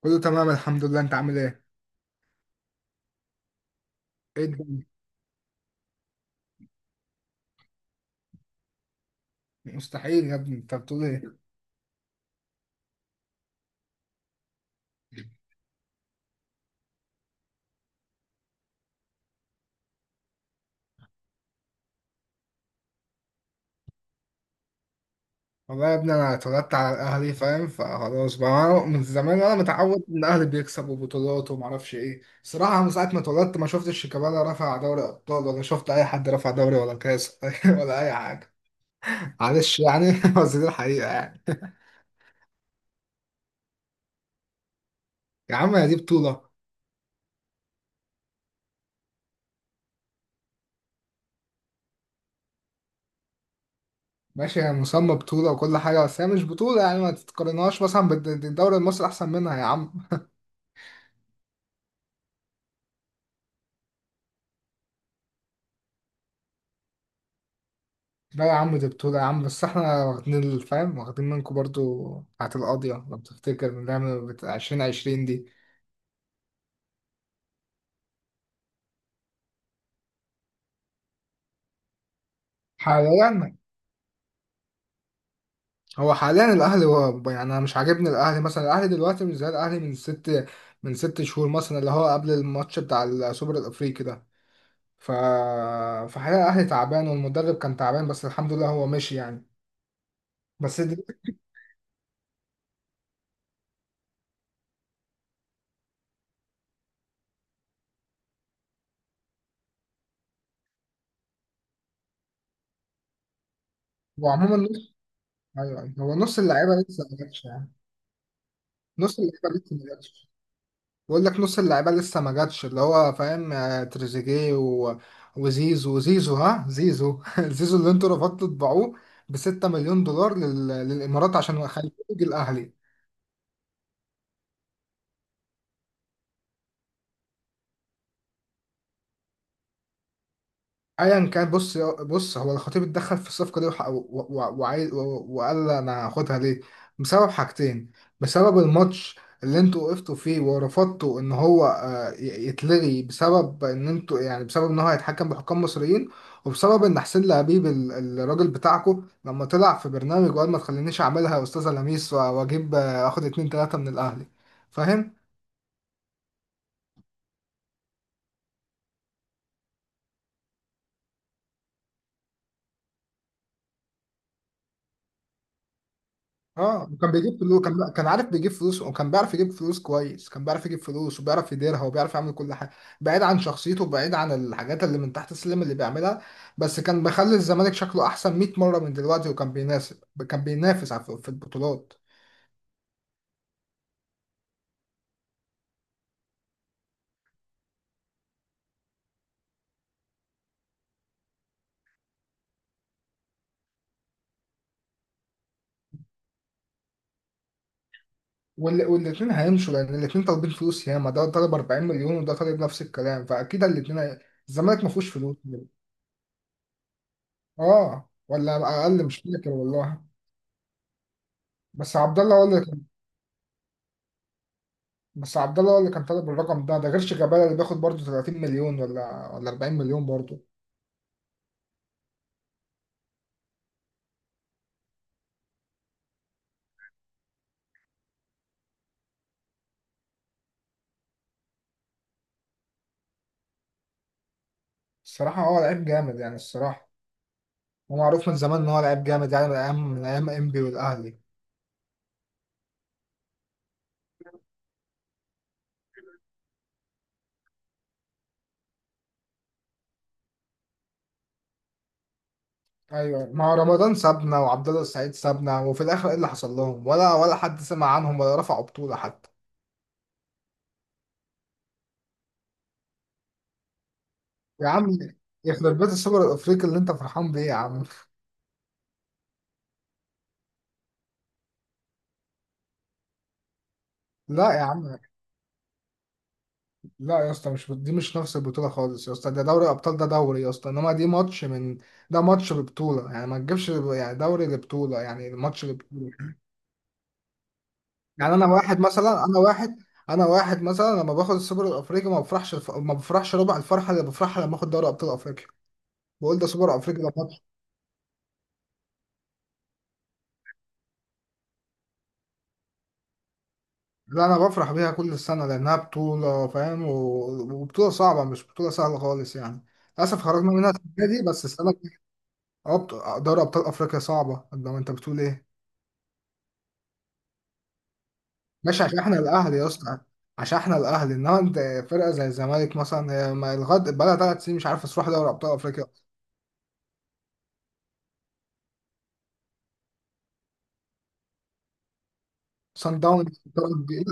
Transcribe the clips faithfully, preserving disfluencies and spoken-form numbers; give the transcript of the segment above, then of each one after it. كله تمام الحمد لله، انت عامل ايه؟ ايه الدنيا؟ مستحيل يا ابني، انت بتقول ايه؟ والله يا ابني، انا اتولدت على الاهلي فاهم. فخلاص بقى، انا من زمان وانا متعود ان الاهلي بيكسب وبطولات ومعرفش ايه. الصراحه من ساعه ما اتولدت ما شفتش شيكابالا رفع دوري ابطال، ولا شفت اي حد رفع دوري ولا كاس ولا اي حاجه. معلش يعني بس دي الحقيقه يعني. يا عم، هي دي بطوله؟ ماشي، هي مسمى بطوله وكل حاجه، بس هي مش بطوله يعني، ما تتقارنهاش مثلا بالدوري المصري، احسن منها يا عم. لا يا عم، دي بطولة يا عم، بس احنا واخدين الفهم، واخدين منكم برضو بتاعت القاضية لو بتفتكر من لعبة عشرين عشرين دي. حاليا، هو حاليا الأهلي هو يعني، أنا مش عاجبني الأهلي، مثلا الأهلي دلوقتي مش زي الأهلي من ست من ست شهور مثلا، اللي هو قبل الماتش بتاع السوبر الأفريقي ده. ف فحاليا الأهلي تعبان والمدرب كان تعبان، بس الحمد لله هو مشي يعني، بس دلوقتي هو عموما نص... أيوه، أيوه. هو نص اللعيبة لسه ما جاتش يعني. نص اللعيبة لسه ما جاتش. بقول لك نص اللعيبه لسه ما جاتش اللي هو فاهم، آه، تريزيجيه و... وزيزو، زيزو، ها زيزو زيزو اللي انتوا رفضتوا تبيعوه ب ستة ملايين دولار مليون دولار لل... للامارات عشان خليه يجي الاهلي. ايا كان، بص بص، هو الخطيب اتدخل في الصفقه دي وح- و- و- وعايز و- وقال انا هاخدها ليه؟ بسبب حاجتين. بسبب الماتش اللي انتوا وقفتوا فيه ورفضتوا ان هو، آه، ي- يتلغي، بسبب ان انتوا يعني، بسبب ان هو هيتحكم بحكام مصريين. وبسبب ان حسين لبيب، ال- الراجل بتاعكو، لما طلع في برنامج وقال ما تخلينيش اعملها يا استاذه لميس، و- واجيب، آه، اخد اتنين تلاته من الاهلي. فاهم. اه وكان بيجيب فلوس، كان كان عارف بيجيب فلوس، وكان بيعرف يجيب فلوس كويس، كان بيعرف يجيب فلوس وبيعرف يديرها وبيعرف يعمل كل حاجه، بعيد عن شخصيته، بعيد عن الحاجات اللي من تحت السلم اللي بيعملها. بس كان مخلي الزمالك شكله احسن مئة مرة مره من دلوقتي، وكان بيناسب، كان بينافس على- في البطولات. وال- والاتنين هيمشوا لان الاتنين طالبين فلوس، ياما ده طالب 40 مليون وده طالب نفس الكلام، فاكيد الاتنين هي... الزمالك ما فيهوش فلوس. اه، ولا اقل، مش فاكر والله. بس عبد الله هو اللي، بس عبد الله هو اللي كان طالب الرقم ده، ده غير شيكابالا اللي بياخد برضه 30 مليون، ولا ولا 40 مليون برضه. الصراحة هو لعيب جامد يعني، الصراحة هو معروف من زمان إن هو لعيب جامد يعني، من أيام من أيام إنبي والأهلي. أيوه، مع رمضان سابنا وعبد الله السعيد سابنا، وفي الآخر إيه اللي حصل لهم؟ ولا ولا حد سمع عنهم، ولا رفعوا بطولة حتى. يا عم، يخرب بيت السوبر الأفريقي اللي أنت فرحان بيه يا عم. لا يا عم، لا يا اسطى، مش دي مش نفس البطولة خالص يا اسطى، ده دوري أبطال، ده دوري يا اسطى، إنما دي ماتش من... ده ماتش ببطولة يعني، ما تجيبش يعني دوري لبطولة يعني، الماتش لبطولة. يعني أنا واحد مثلا، أنا واحد، أنا واحد مثلا لما باخد السوبر الأفريقي ما بفرحش الف... ما بفرحش ربع الفرحة اللي بفرحها لما باخد دوري أبطال أفريقيا. بقول ده سوبر أفريقيا، ده ماتش. لا، أنا بفرح بيها كل سنة لأنها بطولة فاهم، و... وبطولة صعبة، مش بطولة سهلة خالص يعني. للأسف خرجنا منها السنة دي، بس السنة الجاية. أه، بط- دوري أبطال أفريقيا صعبة، ده ما أنت بتقول إيه. ماشي، عشان احنا الاهلي يا اسطى، عشان احنا الاهلي، انما انت، فرقه زي الزمالك مثلا هي ما لغايه بقى لها ثلاث سنين مش عارفه تروح دوري ابطال افريقيا. صن داونز بتقعد دي-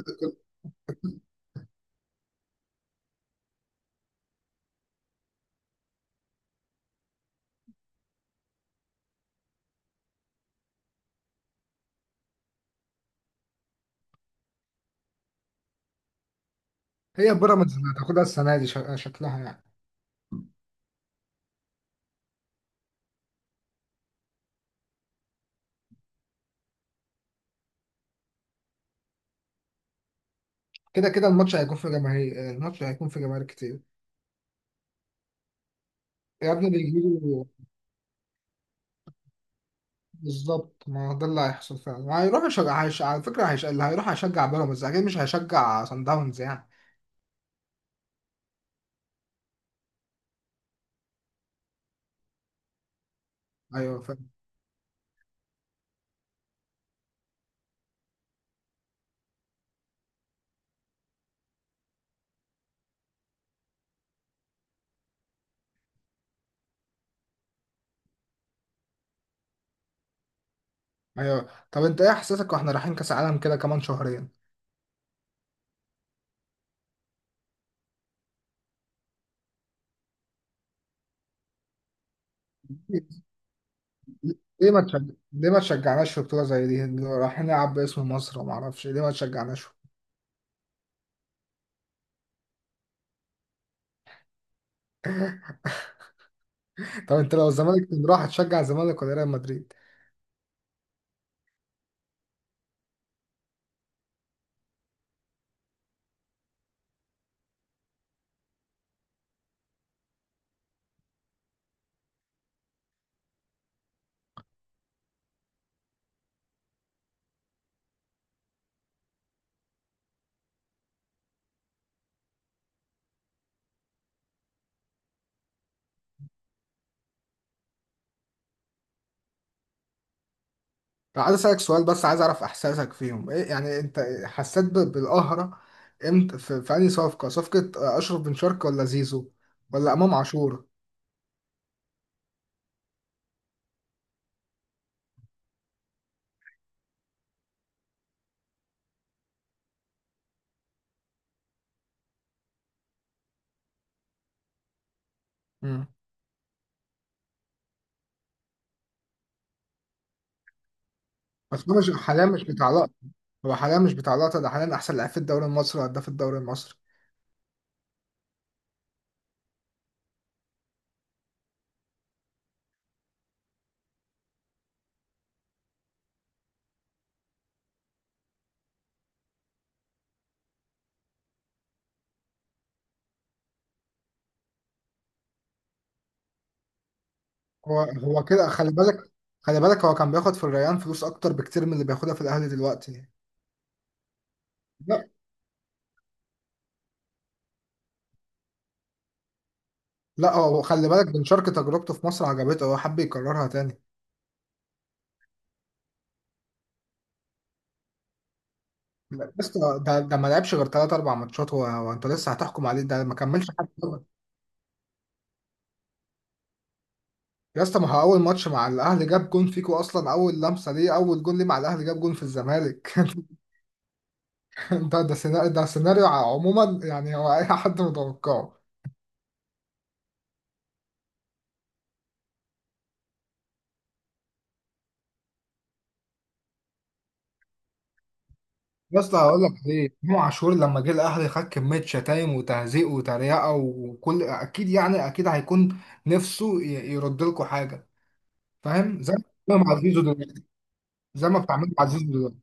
هي بيراميدز اللي هتاخدها السنه دي، شك- شكلها يعني. كده كده الماتش هيكون في جماهير الماتش هيكون في جماهير كتير. يا ابني بيجيبوا. بالظبط، ما هو ده اللي هيحصل فعلا، هيروح يشجع، هيش... على فكره، هيش... اللي هيروح هيشجع بيراميدز اكيد، مش هيشجع صن داونز يعني. ايوه، فاهم. ايوه، طب انت ايه احساسك واحنا رايحين كاس عالم كده كمان شهرين؟ ليه ما تشجع... ليه ما تشجعناش في بطولة زي دي؟ رايحين نلعب باسم مصر، وما اعرفش ليه ما تشجعناش؟ طب انت لو الزمالك كان راح تشجع الزمالك ولا ريال مدريد؟ طب عايز اسالك سؤال، بس عايز اعرف احساسك فيهم، ايه يعني، انت حسيت ب- بالقهرة امتى، في, في انهي صفقة؟ صفقة اشرف بن شرقي ولا زيزو؟ ولا امام عاشور؟ مم. بس هو مش حاليا، مش بتاع لقطة. هو حاليا مش بتاع لقطة، ده حاليا احسن لاعب في الدوري المصري وهداف الدوري المصري. هو هو كده خلي بالك، خلي بالك هو كان بياخد في الريان فلوس اكتر بكتير من اللي بياخدها في الاهلي دلوقتي. لا لا، هو خلي بالك، بن شرقي تجربته في مصر عجبته، هو حب يكررها تاني. لا، بس ده ده ما لعبش غير ثلاث اربع ماتشات، هو هو انت لسه هتحكم عليه، ده ما كملش حتى. يا اسطى، ما هو اول ماتش مع الاهلي جاب جون فيكو اصلا، اول لمسه ليه اول جون ليه مع الاهلي جاب جون في الزمالك ده ده سيناريو ده سيناريو عموما يعني، هو اي حد متوقعه. يا اسطى، هقول لك ليه. امام عاشور لما جه الاهلي خد كميه شتايم وتهزيق وتريقه، وكل اكيد يعني، اكيد هيكون نفسه ي- يرد لكم حاجه، فاهم، زي ما بتعملوا مع زيزو دلوقتي، زي ما بتعملوا مع زيزو دلوقتي.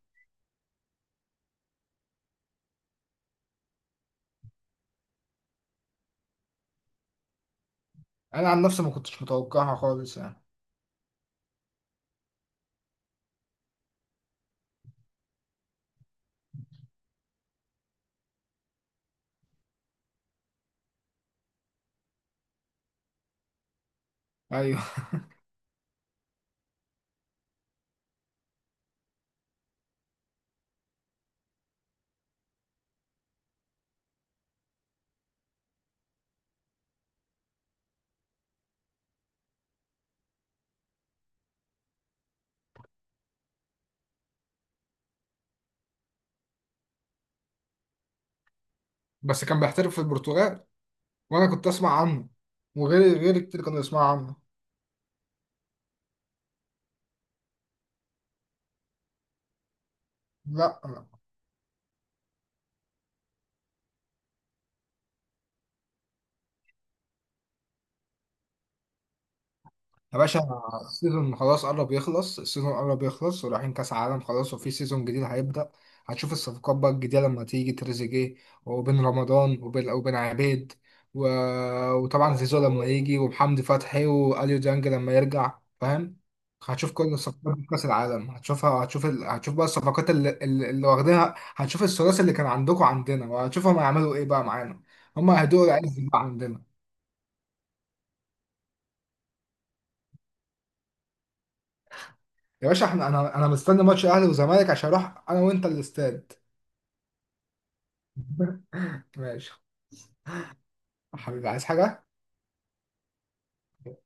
انا عن نفسي ما كنتش متوقعها خالص يعني. ايوه بس كان بيحترف في البرتغال، وانا كنت اسمع عنه، وغير غير كتير كانوا يسمعوا عنه. لا. يا باشا، السيزون خلاص قرب يخلص، السيزون قرب يخلص، ورايحين كاس عالم خلاص، وفي سيزون جديد هيبدأ. هتشوف الصفقات بقى الجديدة لما تيجي تريزيجيه، وبن رمضان، وبن وبن عبيد، و... وطبعا زيزو لما يجي، ومحمدي فتحي واليو ديانج لما يرجع، فاهم. هتشوف كل الصفقات في كاس العالم هتشوفها، هتشوف ال... هتشوف بقى الصفقات اللي, اللي اللي واخدينها، هتشوف الثلاثي اللي كان عندكم عندنا، وهتشوفهم هيعملوا ايه بقى معانا. هم هيدوقوا العز بقى عندنا. يا باشا، احنا انا انا مستني ماتش اهلي وزمالك عشان اروح انا وانت الاستاد ماشي. يا حبيبي، عايز حاجه؟